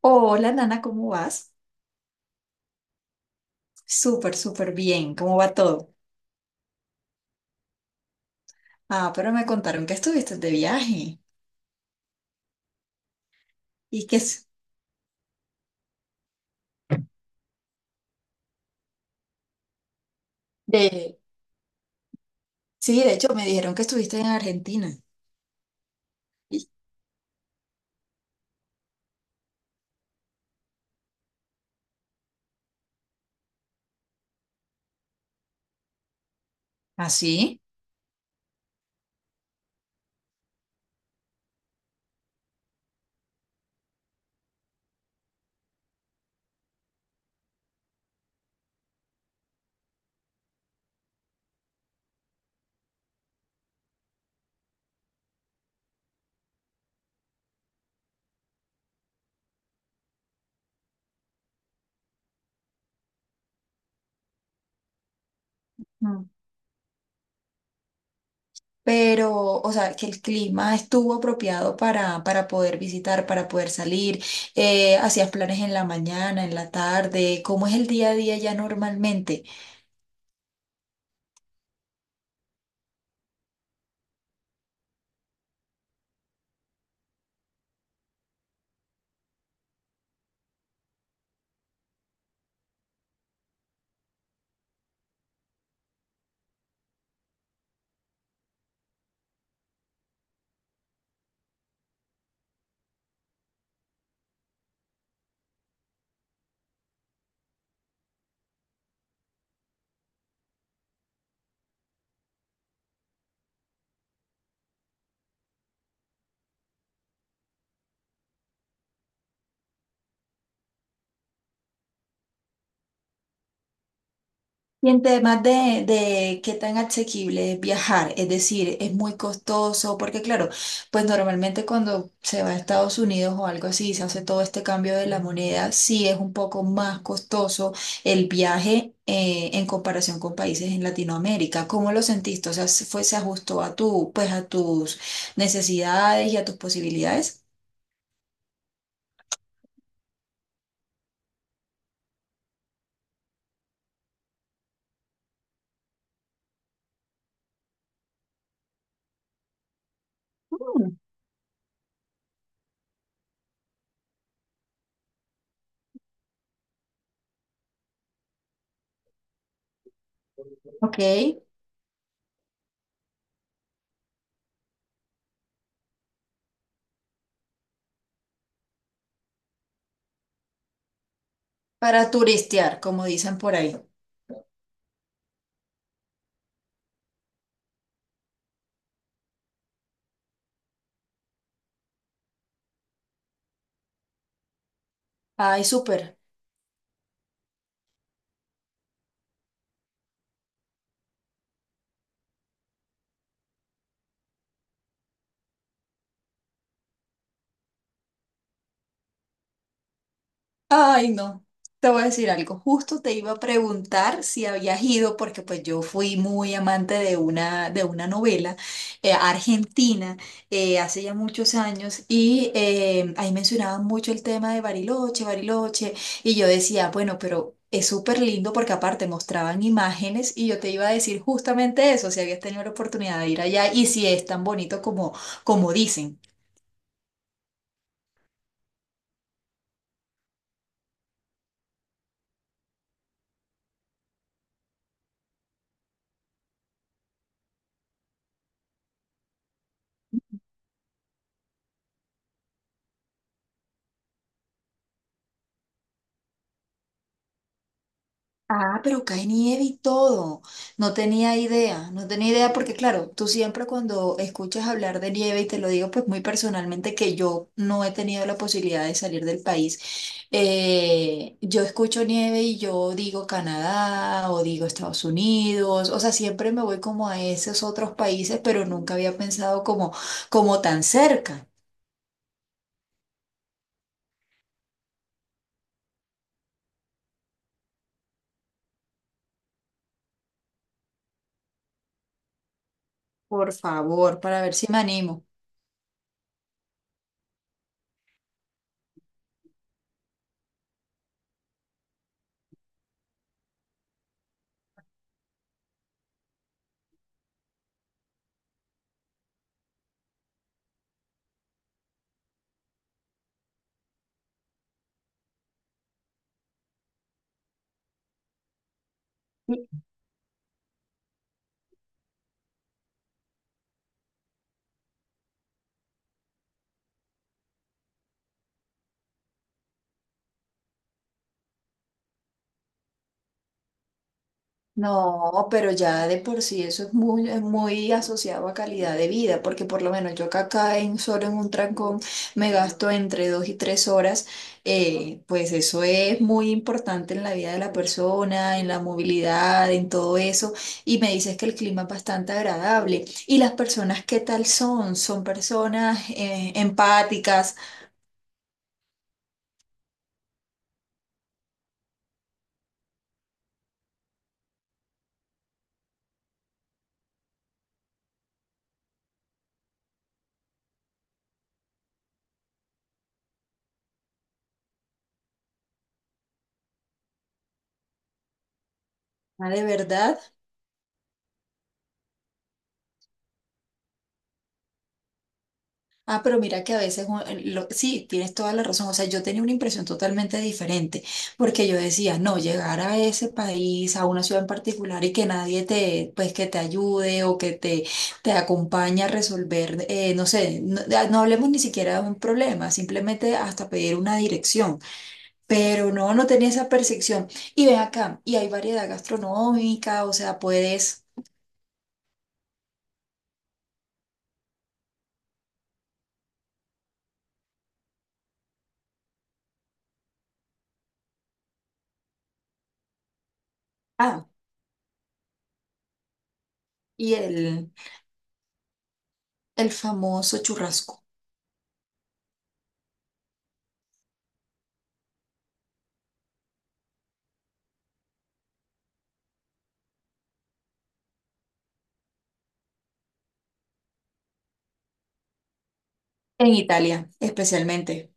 Hola, Nana, ¿cómo vas? Súper bien. ¿Cómo va todo? Ah, pero me contaron que estuviste de viaje y que es de... Sí, de hecho me dijeron que estuviste en Argentina. ¿Y? ¿Ah, sí? Mm. Pero, o sea, que el clima estuvo apropiado para poder visitar, para poder salir. ¿Hacías planes en la mañana, en la tarde? ¿Cómo es el día a día ya normalmente? Y en temas de qué tan asequible es viajar, es decir, es muy costoso, porque claro, pues normalmente cuando se va a Estados Unidos o algo así, se hace todo este cambio de la moneda, sí es un poco más costoso el viaje en comparación con países en Latinoamérica. ¿Cómo lo sentiste? O sea, ¿se ¿fue, se ajustó a tu, pues a tus necesidades y a tus posibilidades? Mm. Ok, para turistear, como dicen por ahí. Ay, súper. Ay, no. Te voy a decir algo. Justo te iba a preguntar si habías ido, porque pues yo fui muy amante de una novela argentina, hace ya muchos años y ahí mencionaban mucho el tema de Bariloche, Bariloche, y yo decía, bueno, pero es súper lindo porque aparte mostraban imágenes y yo te iba a decir justamente eso, si habías tenido la oportunidad de ir allá y si es tan bonito como, como dicen. Ah, pero cae nieve y todo. No tenía idea, no tenía idea porque claro, tú siempre cuando escuchas hablar de nieve, y te lo digo pues muy personalmente que yo no he tenido la posibilidad de salir del país, yo escucho nieve y yo digo Canadá o digo Estados Unidos, o sea, siempre me voy como a esos otros países, pero nunca había pensado como, como tan cerca. Por favor, para ver si me animo. No, pero ya de por sí eso es muy asociado a calidad de vida, porque por lo menos yo que acá en solo en un trancón me gasto entre dos y tres horas, pues eso es muy importante en la vida de la persona, en la movilidad, en todo eso. Y me dices que el clima es bastante agradable. ¿Y las personas qué tal son? ¿Son personas, empáticas? Ah, ¿de verdad? Ah, pero mira que a veces, sí, tienes toda la razón. O sea, yo tenía una impresión totalmente diferente, porque yo decía, no, llegar a ese país, a una ciudad en particular y que nadie te, pues, que te ayude o que te acompañe a resolver, no sé, no, ah, no hablemos ni siquiera de un problema, simplemente hasta pedir una dirección. Pero no, no tenía esa percepción. Y ven acá, y hay variedad gastronómica, o sea, puedes... Ah, y el famoso churrasco en Italia, especialmente.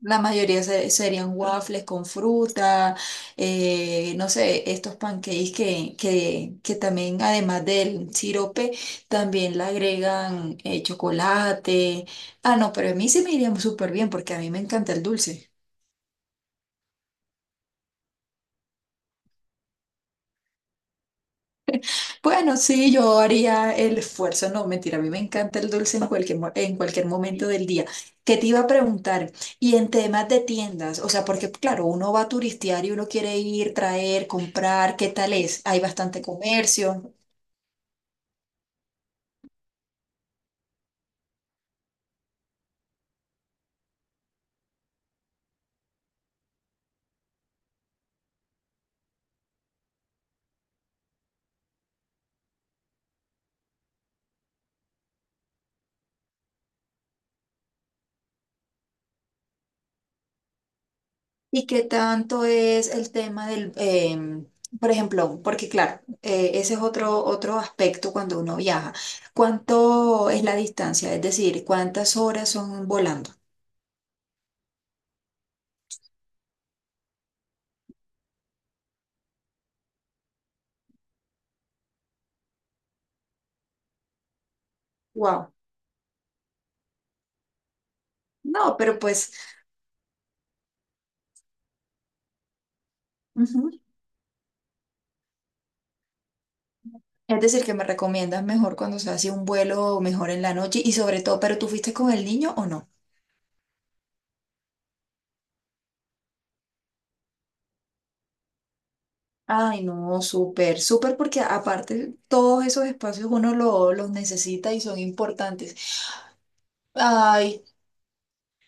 La mayoría serían waffles con fruta, no sé, estos pancakes que también, además del sirope, también le agregan chocolate. Ah, no, pero a mí sí me iría súper bien porque a mí me encanta el dulce. Bueno, sí, yo haría el esfuerzo, no, mentira, a mí me encanta el dulce en cualquier, en cualquier momento del día. ¿Qué te iba a preguntar? Y en temas de tiendas, o sea, porque claro, uno va a turistear y uno quiere ir, traer, comprar, ¿qué tal es? Hay bastante comercio. ¿Y qué tanto es el tema del, por ejemplo, porque claro, ese es otro, otro aspecto cuando uno viaja? ¿Cuánto es la distancia? Es decir, ¿cuántas horas son volando? Wow. No, pero pues... Ujú. Es decir, que me recomiendas mejor cuando se hace un vuelo, mejor en la noche y sobre todo, ¿pero tú fuiste con el niño o no? Ay, no, súper, súper, porque aparte todos esos espacios uno los necesita y son importantes. Ay,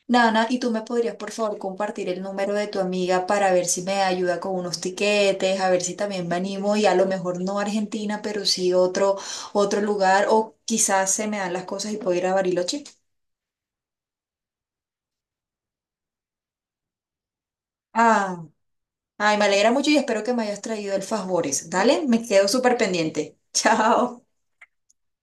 Nana, ¿y tú me podrías por favor compartir el número de tu amiga para ver si me ayuda con unos tiquetes, a ver si también me animo y a lo mejor no Argentina, pero sí otro, otro lugar o quizás se me dan las cosas y puedo ir a Bariloche? Ay, me alegra mucho y espero que me hayas traído el favores. Dale, me quedo súper pendiente. Chao.